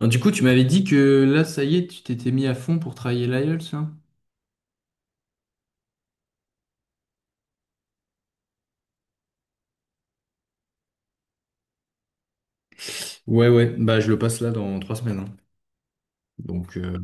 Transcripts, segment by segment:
Alors, du coup, tu m'avais dit que là, ça y est, tu t'étais mis à fond pour travailler l'IELTS, là? Ouais, ouais, bah je le passe là dans 3 semaines, hein. Donc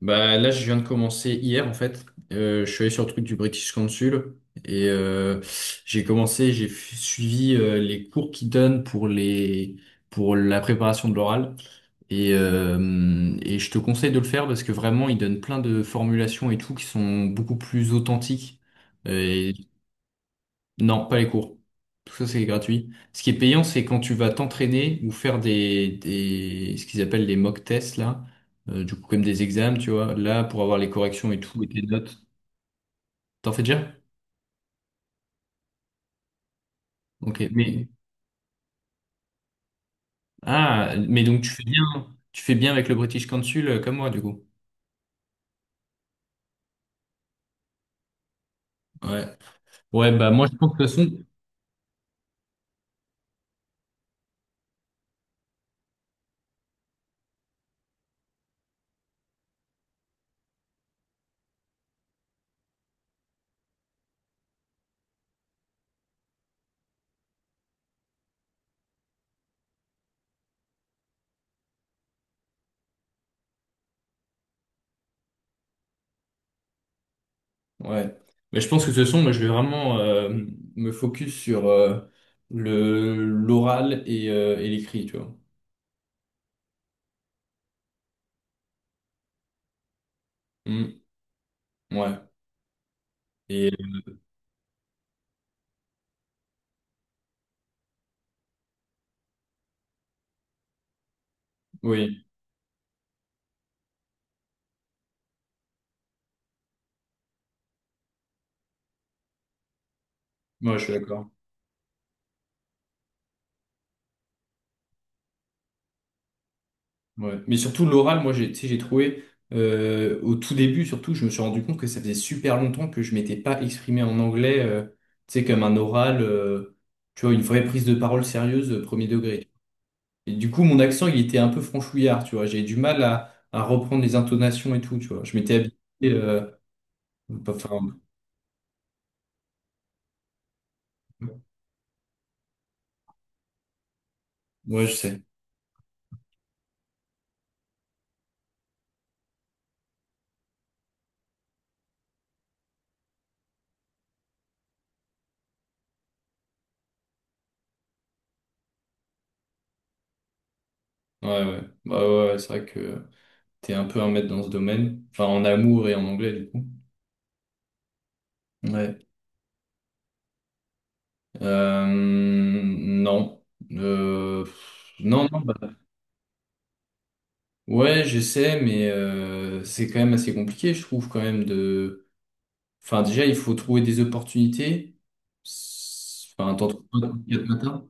bah là je viens de commencer hier en fait. Je suis allé sur le truc du British Council et j'ai suivi les cours qu'ils donnent pour les pour la préparation de l'oral. Et je te conseille de le faire parce que vraiment ils donnent plein de formulations et tout qui sont beaucoup plus authentiques. Non, pas les cours. Tout ça, c'est gratuit. Ce qui est payant, c'est quand tu vas t'entraîner ou faire ce qu'ils appellent les mock tests, là. Du coup, comme des examens, tu vois. Là, pour avoir les corrections et tout, et tes notes. T'en fais déjà? Ok. Mais, ah, mais donc tu fais bien avec le British Council, comme moi, du coup. Ouais. Ouais, bah, moi, je pense que ce son, ouais. Mais je pense que ce son, moi, je vais vraiment, me focus sur, l'oral et l'écrit, tu vois. Hmm, ouais. Et, oui. Ouais, je suis d'accord. Ouais. Mais surtout, l'oral, moi, tu sais, j'ai trouvé, au tout début, surtout, je me suis rendu compte que ça faisait super longtemps que je m'étais pas exprimé en anglais, tu sais, comme un oral, tu vois, une vraie prise de parole sérieuse, premier degré. Et du coup, mon accent, il était un peu franchouillard, tu vois. J'ai du mal à reprendre les intonations et tout, tu vois. Je m'étais habitué, euh, enfin, ouais, je sais. Ouais, ouais. Bah, ouais, ouais, c'est vrai que t'es un peu un maître dans ce domaine. Enfin, en amour et en anglais, du coup. Ouais. Non. Euh, non, non, bah, ouais, j'essaie, mais c'est quand même assez compliqué, je trouve, quand même, de... Enfin, déjà, il faut trouver des opportunités. S- Enfin, t'en trouves pas tous les 4 matins.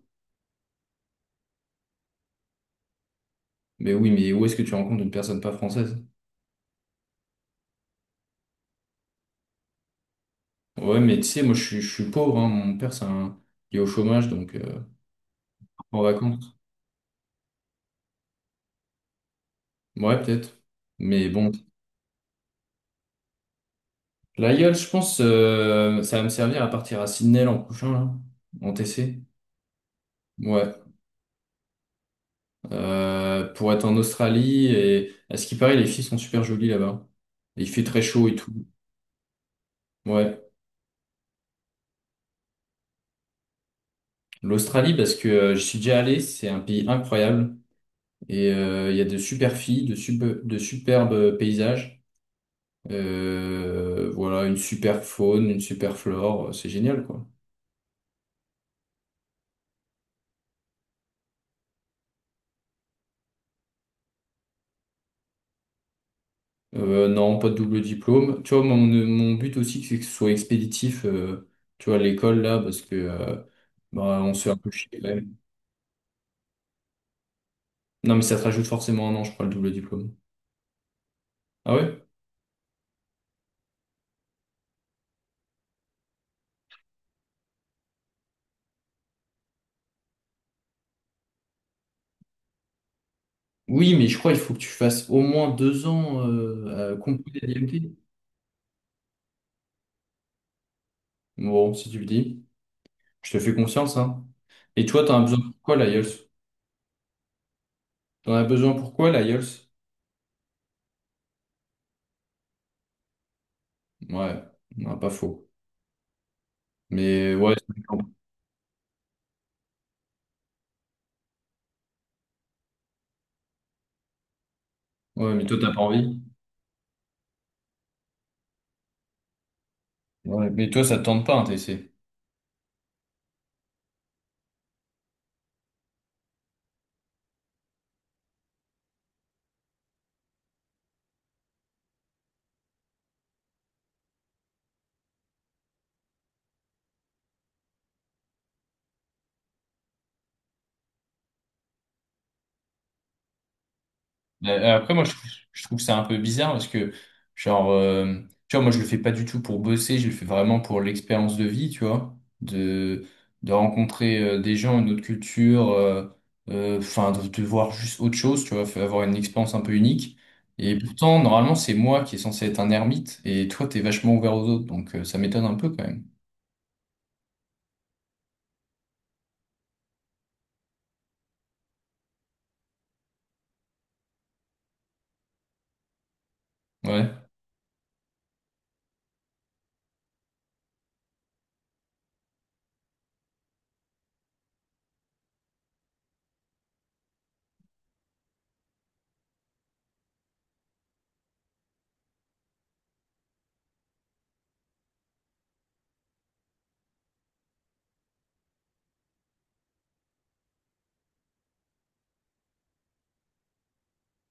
Mais oui, mais où est-ce que tu rencontres une personne pas française? Ouais, mais tu sais, moi, je suis pauvre, hein. Mon père, c'est un... il est au chômage, en vacances. Ouais, peut-être. Mais bon, la gueule, je pense, ça va me servir à partir à Sydney l'an prochain, là, en TC. Ouais. Pour être en Australie. Et à ce qui paraît, les filles sont super jolies là-bas. Et il fait très chaud et tout. Ouais. L'Australie, parce que je suis déjà allé, c'est un pays incroyable. Et il y a de super filles, de superbes paysages. Voilà, une super faune, une super flore, c'est génial, quoi. Non, pas de double diplôme. Tu vois, mon but aussi, c'est que ce soit expéditif, tu vois, à l'école, là, parce que bah, on se fait un peu chier quand même. Non, mais ça te rajoute forcément un an, je crois, le double diplôme. Ah ouais? Oui, mais je crois qu'il faut que tu fasses au moins 2 ans à compo des DMT. Bon, si tu le dis, je te fais confiance, hein. Et toi, t'en as besoin pour quoi, l'IELTS? T'en as besoin pour quoi, l'IELTS? Ouais, non, pas faux. Mais ouais, ouais, mais toi, t'as pas envie. Ouais, mais toi, ça te tente pas un TC. Après, moi, je trouve ça un peu bizarre parce que, genre, tu vois, moi, je le fais pas du tout pour bosser, je le fais vraiment pour l'expérience de vie, tu vois, de rencontrer des gens, une autre culture, de voir juste autre chose, tu vois, faut avoir une expérience un peu unique. Et pourtant, normalement, c'est moi qui est censé être un ermite et toi, t'es vachement ouvert aux autres, donc ça m'étonne un peu quand même. Ouais,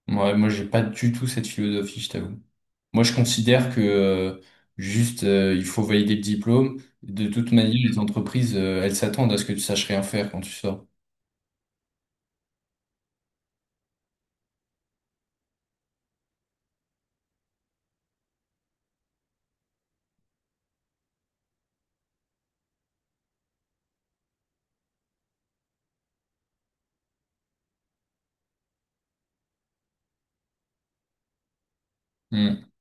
ouais, moi, j'ai pas du tout cette philosophie, je t'avoue. Moi, je considère que il faut valider le diplôme. De toute manière, les entreprises, elles s'attendent à ce que tu saches rien faire quand tu sors. Hmm.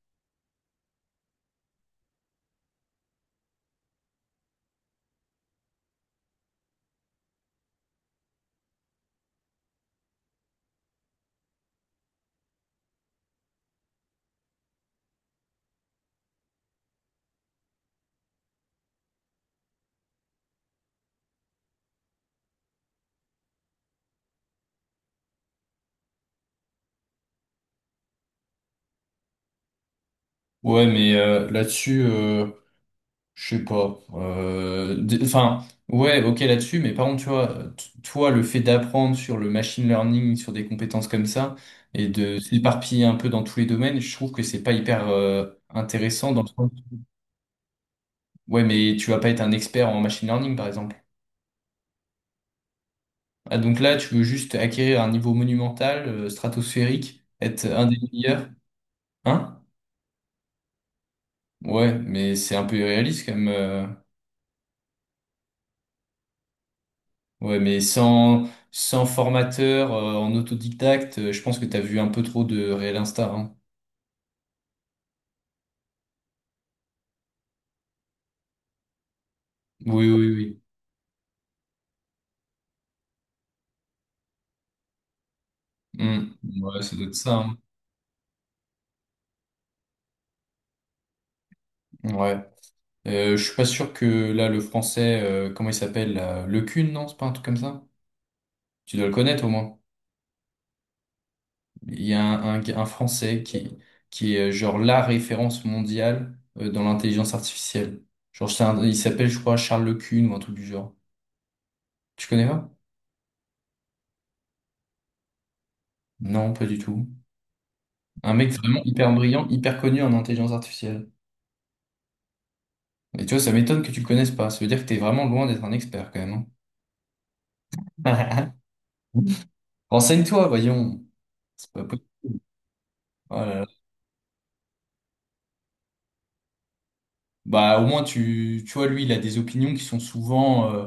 Ouais, mais là-dessus, je sais pas. Enfin, ouais, ok là-dessus, mais par contre, tu vois, toi, le fait d'apprendre sur le machine learning, sur des compétences comme ça, et de s'éparpiller un peu dans tous les domaines, je trouve que c'est pas hyper intéressant dans le sens. Ouais, mais tu vas pas être un expert en machine learning, par exemple. Ah, donc là, tu veux juste acquérir un niveau monumental, stratosphérique, être un des meilleurs. Hein? Ouais, mais c'est un peu irréaliste quand même, Ouais, mais sans formateur, en autodidacte, je pense que t'as vu un peu trop de Real Insta, hein. Oui, oui, oui. Hmm. Ouais, ça doit être ça, hein. Ouais. Je suis pas sûr que là, le français, comment il s'appelle, là, Le Cun, non? C'est pas un truc comme ça? Tu dois le connaître au moins. Il y a un Français qui est genre la référence mondiale dans l'intelligence artificielle. Genre, il s'appelle, je crois, Charles Lecune ou un truc du genre. Tu connais pas? Non, pas du tout. Un mec vraiment hyper brillant, hyper connu en intelligence artificielle. Et tu vois, ça m'étonne que tu le connaisses pas. Ça veut dire que t'es vraiment loin d'être un expert quand même, hein. Renseigne-toi, voyons. C'est pas possible. Oh là là. Bah, au moins, tu vois, lui, il a des opinions qui sont souvent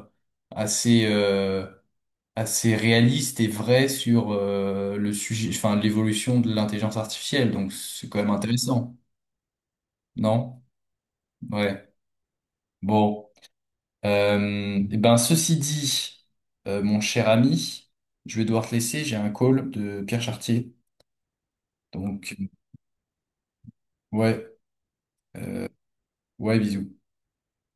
assez, assez réaliste et vrai sur le sujet, enfin l'évolution de l'intelligence artificielle. Donc c'est quand même intéressant, non? Ouais. Bon, eh ben ceci dit, mon cher ami, je vais devoir te laisser. J'ai un call de Pierre Chartier. Donc ouais, ouais, bisous.